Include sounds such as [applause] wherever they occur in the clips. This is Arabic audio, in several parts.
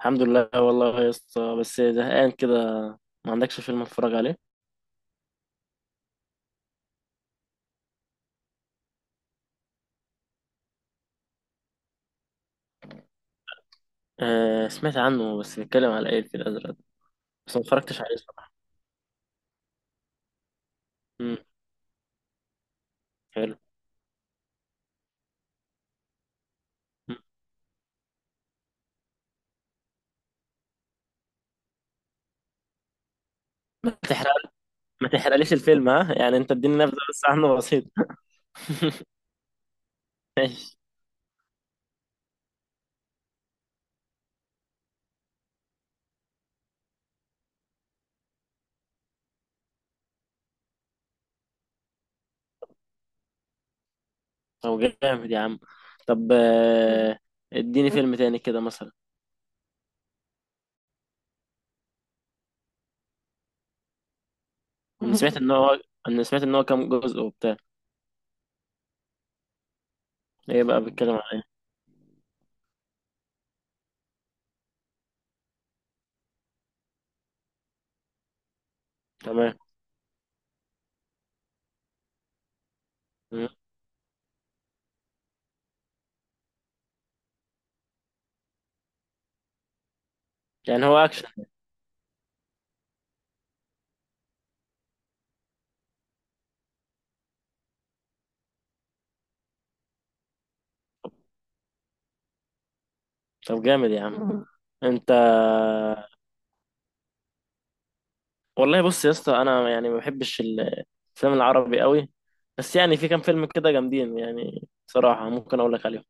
الحمد لله والله يا اسطى، بس زهقان كده. ما عندكش فيلم اتفرج عليه؟ آه، سمعت عنه، بس بيتكلم على ايه الفيل الازرق؟ بس ما اتفرجتش عليه صراحة. امم. حلو. مم. ما تحرق ما تحرقليش الفيلم، ها يعني انت اديني نبذة بس عنه بسيط. [laughs] ماشي. طب جامد يا عم. طب آه، اديني فيلم تاني كده مثلا. انا سمعت ان هو انا سمعت ان هو كام جزء وبتاع. ايه بقى بيتكلم على ايه؟ تمام. مم. يعني هو اكشن؟ طب جامد يا عم. [laughs] انت. والله بص يا اسطى، انا يعني ما بحبش الفيلم العربي قوي. بس يعني في كام فيلم كده جامدين، يعني صراحة ممكن اقول لك عليهم.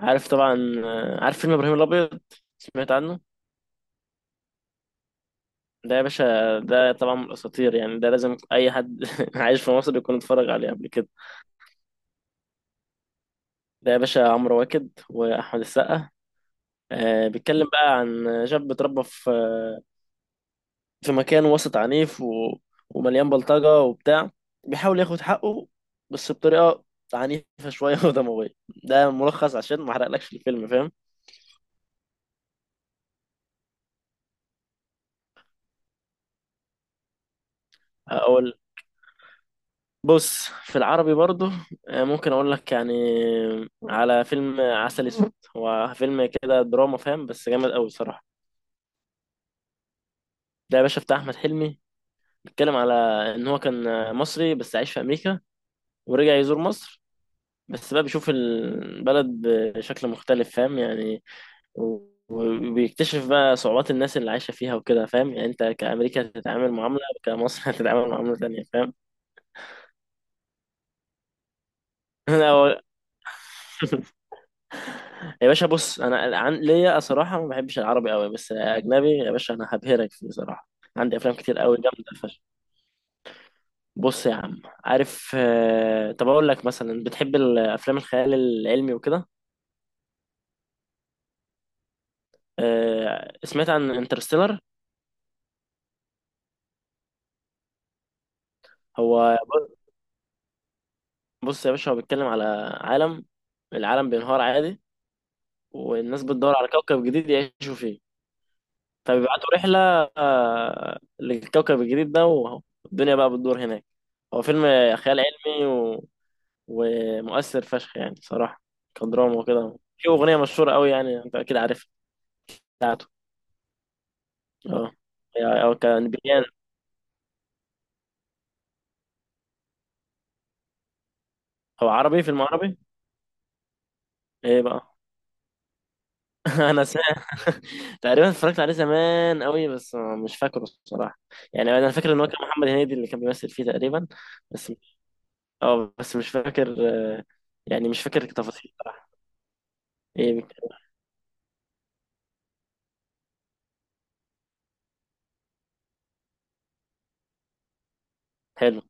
عارف طبعا. آه، عارف فيلم ابراهيم الابيض؟ سمعت عنه. ده يا باشا، ده طبعا من الاساطير، يعني ده لازم اي حد [laughs] عايش في مصر يكون اتفرج عليه قبل كده. ده يا باشا، عمرو واكد واحمد السقا. آه، بيتكلم بقى عن شاب اتربى في مكان وسط عنيف و... ومليان بلطجة وبتاع. بيحاول ياخد حقه، بس بطريقة عنيفة شوية [laughs] ودموية. ده ملخص عشان ما احرقلكش الفيلم، فاهم؟ اقول. بص في العربي برضو. آه، ممكن اقول لك يعني على فيلم عسل اسود. هو فيلم كده دراما، فاهم؟ بس جامد قوي الصراحة. ده يا باشا، بتاع احمد حلمي. بيتكلم على ان هو كان مصري بس عايش في امريكا، ورجع يزور مصر. بس بقى بيشوف البلد بشكل مختلف، فاهم يعني؟ وبيكتشف بقى صعوبات الناس اللي عايشة فيها وكده، فاهم يعني انت كأمريكا هتتعامل معاملة، كمصر [laughs] هتتعامل معاملة تانية، فاهم؟ [laughs] انا [laughs] يا باشا، بص انا عن... ليا صراحة ما بحبش العربي قوي، بس اجنبي يا باشا انا هبهرك فيه صراحة. عندي افلام كتير قوي جامدة فشخ. بص يا عم، عارف، آه، طب اقول لك مثلا، بتحب الافلام الخيال العلمي وكده؟ آه، سمعت عن انترستيلر؟ هو، بص يا باشا، هو بيتكلم على عالم العالم بينهار عادي، والناس بتدور على كوكب جديد يعيشوا فيه. فبيبعتوا رحلة، آه، للكوكب الجديد ده، والدنيا بقى بتدور هناك. هو فيلم خيال علمي و... ومؤثر فشخ يعني صراحة، كدراما وكده. في أغنية مشهورة قوي، يعني أنت أكيد عارفها. بتاعته. اه، هو كان بيان. هو عربي، فيلم عربي؟ إيه بقى؟ [laughs] أنا سمعت. [laughs] تقريبا اتفرجت عليه زمان قوي، بس مش فاكره الصراحة. يعني أنا فاكر إن هو كان محمد هنيدي اللي كان بيمثل فيه تقريبا. بس، اه، بس مش فاكر. آه، يعني مش فاكر التفاصيل صراحة. ايه. حلو.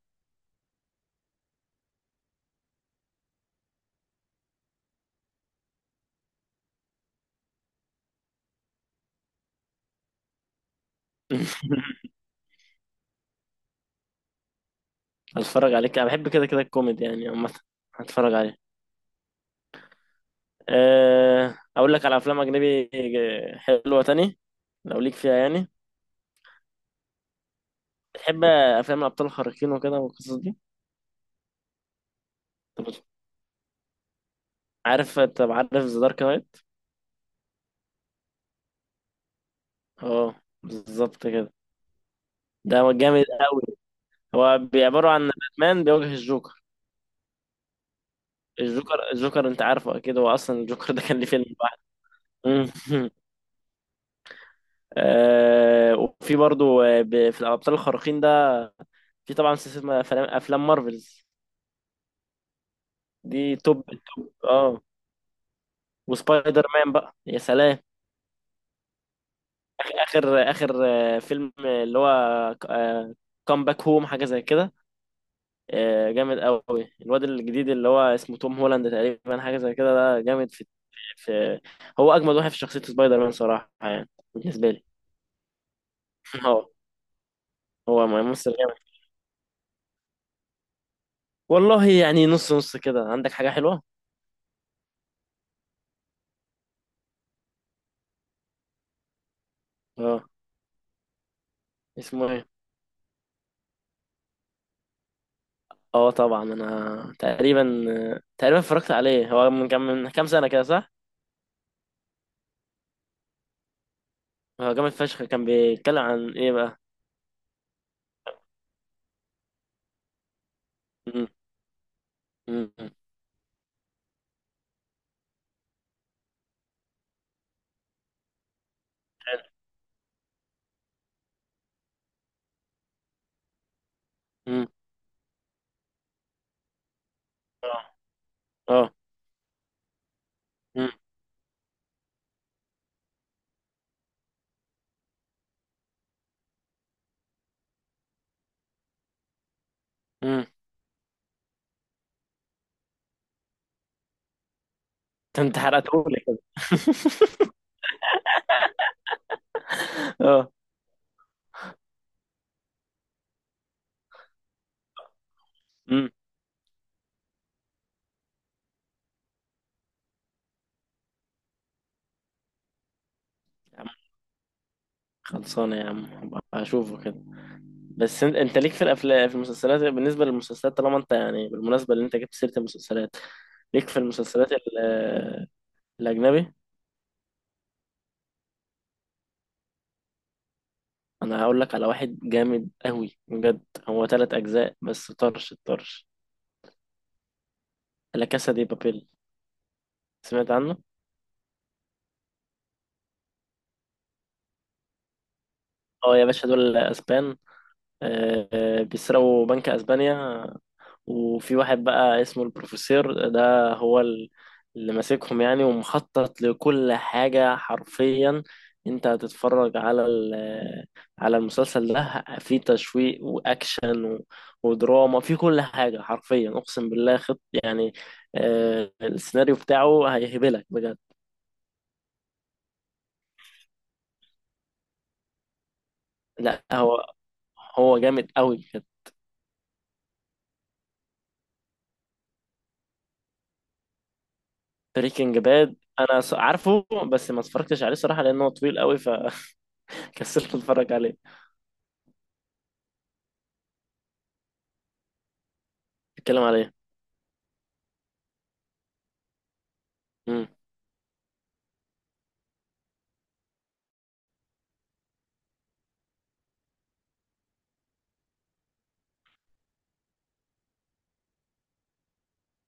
[laughs] هتفرج عليك، انا بحب كده كده الكوميدي يعني عامة. هتفرج عليه. أه، اقول لك على افلام اجنبي، آه، حلوة تاني. لو ليك فيها يعني. بتحب افلام الابطال الخارقين وكده والقصص دي؟ طب عارف. ذا دارك نايت؟ اه، بالظبط كده. ده جامد قوي. هو بيعبروا عن باتمان بيواجه الجوكر. الجوكر، انت عارفه اكيد. هو اصلا الجوكر ده كان ليه فيلم لوحده. [laughs] آه، وفي برضو، آه، في الابطال الخارقين ده، في طبعا سلسله أفلام مارفلز. دي توب التوب، اه. وسبايدر مان بقى، يا سلام. اخر اخر، آه، فيلم اللي هو كام باك هوم، حاجه زي كده. آه، جامد قوي. الواد الجديد اللي هو اسمه توم هولاند تقريبا، حاجه زي كده، ده جامد في. في هو اجمد واحد في شخصيه سبايدر مان صراحه يعني، بالنسبه لي. [laughs] هو هو ممثل جامد. والله يعني نص نص كده، عندك حاجه حلوه؟ اه. اسمه ايه؟ اه طبعا، انا تقريبا اتفرجت عليه. هو من كام سنه كده، صح؟ هو جامد فشخ. كان بيتكلم عن ايه بقى؟ مم. مم. مم. اه. اه. مم. مم. انت حرقتهولي كده. [laughs] اه. مم. يا عم خلصانه، يا عم هبقى اشوفه كده. بس انت ليك في الافلام، في المسلسلات؟ بالنسبه للمسلسلات، طالما انت يعني بالمناسبه اللي انت جبت سيره المسلسلات، ليك في المسلسلات الاجنبي؟ انا هقول لك على واحد جامد قوي بجد. هو ثلاث اجزاء بس، طرش الطرش. لا كاسا دي بابيل. سمعت عنه. اه يا باشا، دول اسبان. آه، بيسرقوا بنك اسبانيا. وفي واحد بقى اسمه البروفيسور، ده هو اللي ماسكهم يعني، ومخطط لكل حاجة حرفيا. انت هتتفرج على المسلسل ده، في تشويق واكشن ودراما في كل حاجة حرفيا، اقسم بالله خط يعني. آه، السيناريو بتاعه هيهبلك بجد. لا، هو جامد قوي بجد. بريكنج باد، انا عارفه. بس ما اتفرجتش عليه صراحة لانه طويل قوي، فكسلت [laughs] اتفرج عليه. بيتكلم عليه؟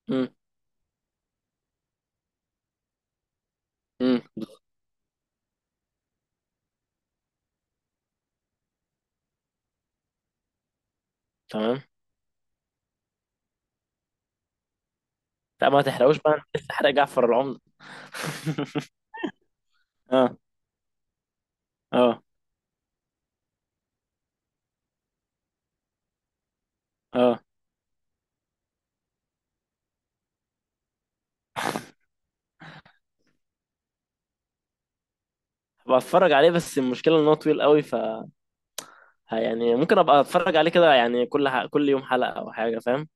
امم. امم. تمام. لا، ما تحرقوش بقى، انت لسه حرق جعفر العمدة. [laughs] اه. اه. اه. هبقى اتفرج عليه، بس المشكلة ان هو طويل قوي، يعني ممكن ابقى اتفرج عليه كده يعني كل يوم حلقة او حاجة، فاهم؟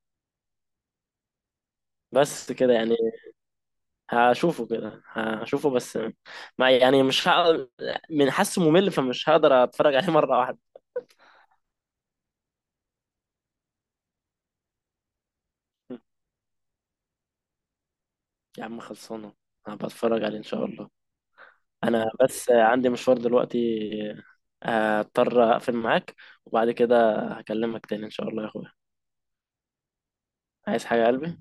بس كده يعني، هشوفه كده، هشوفه بس. ما يعني مش من حاسه ممل، فمش هقدر اتفرج عليه [laughs] مرة واحدة. يا عم خلصانة، هبقى اتفرج عليه ان شاء الله. انا بس عندي مشوار دلوقتي، هضطر اقفل معاك، وبعد كده هكلمك تاني ان شاء الله يا اخويا. عايز حاجة يا قلبي؟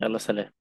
يلا، سلام.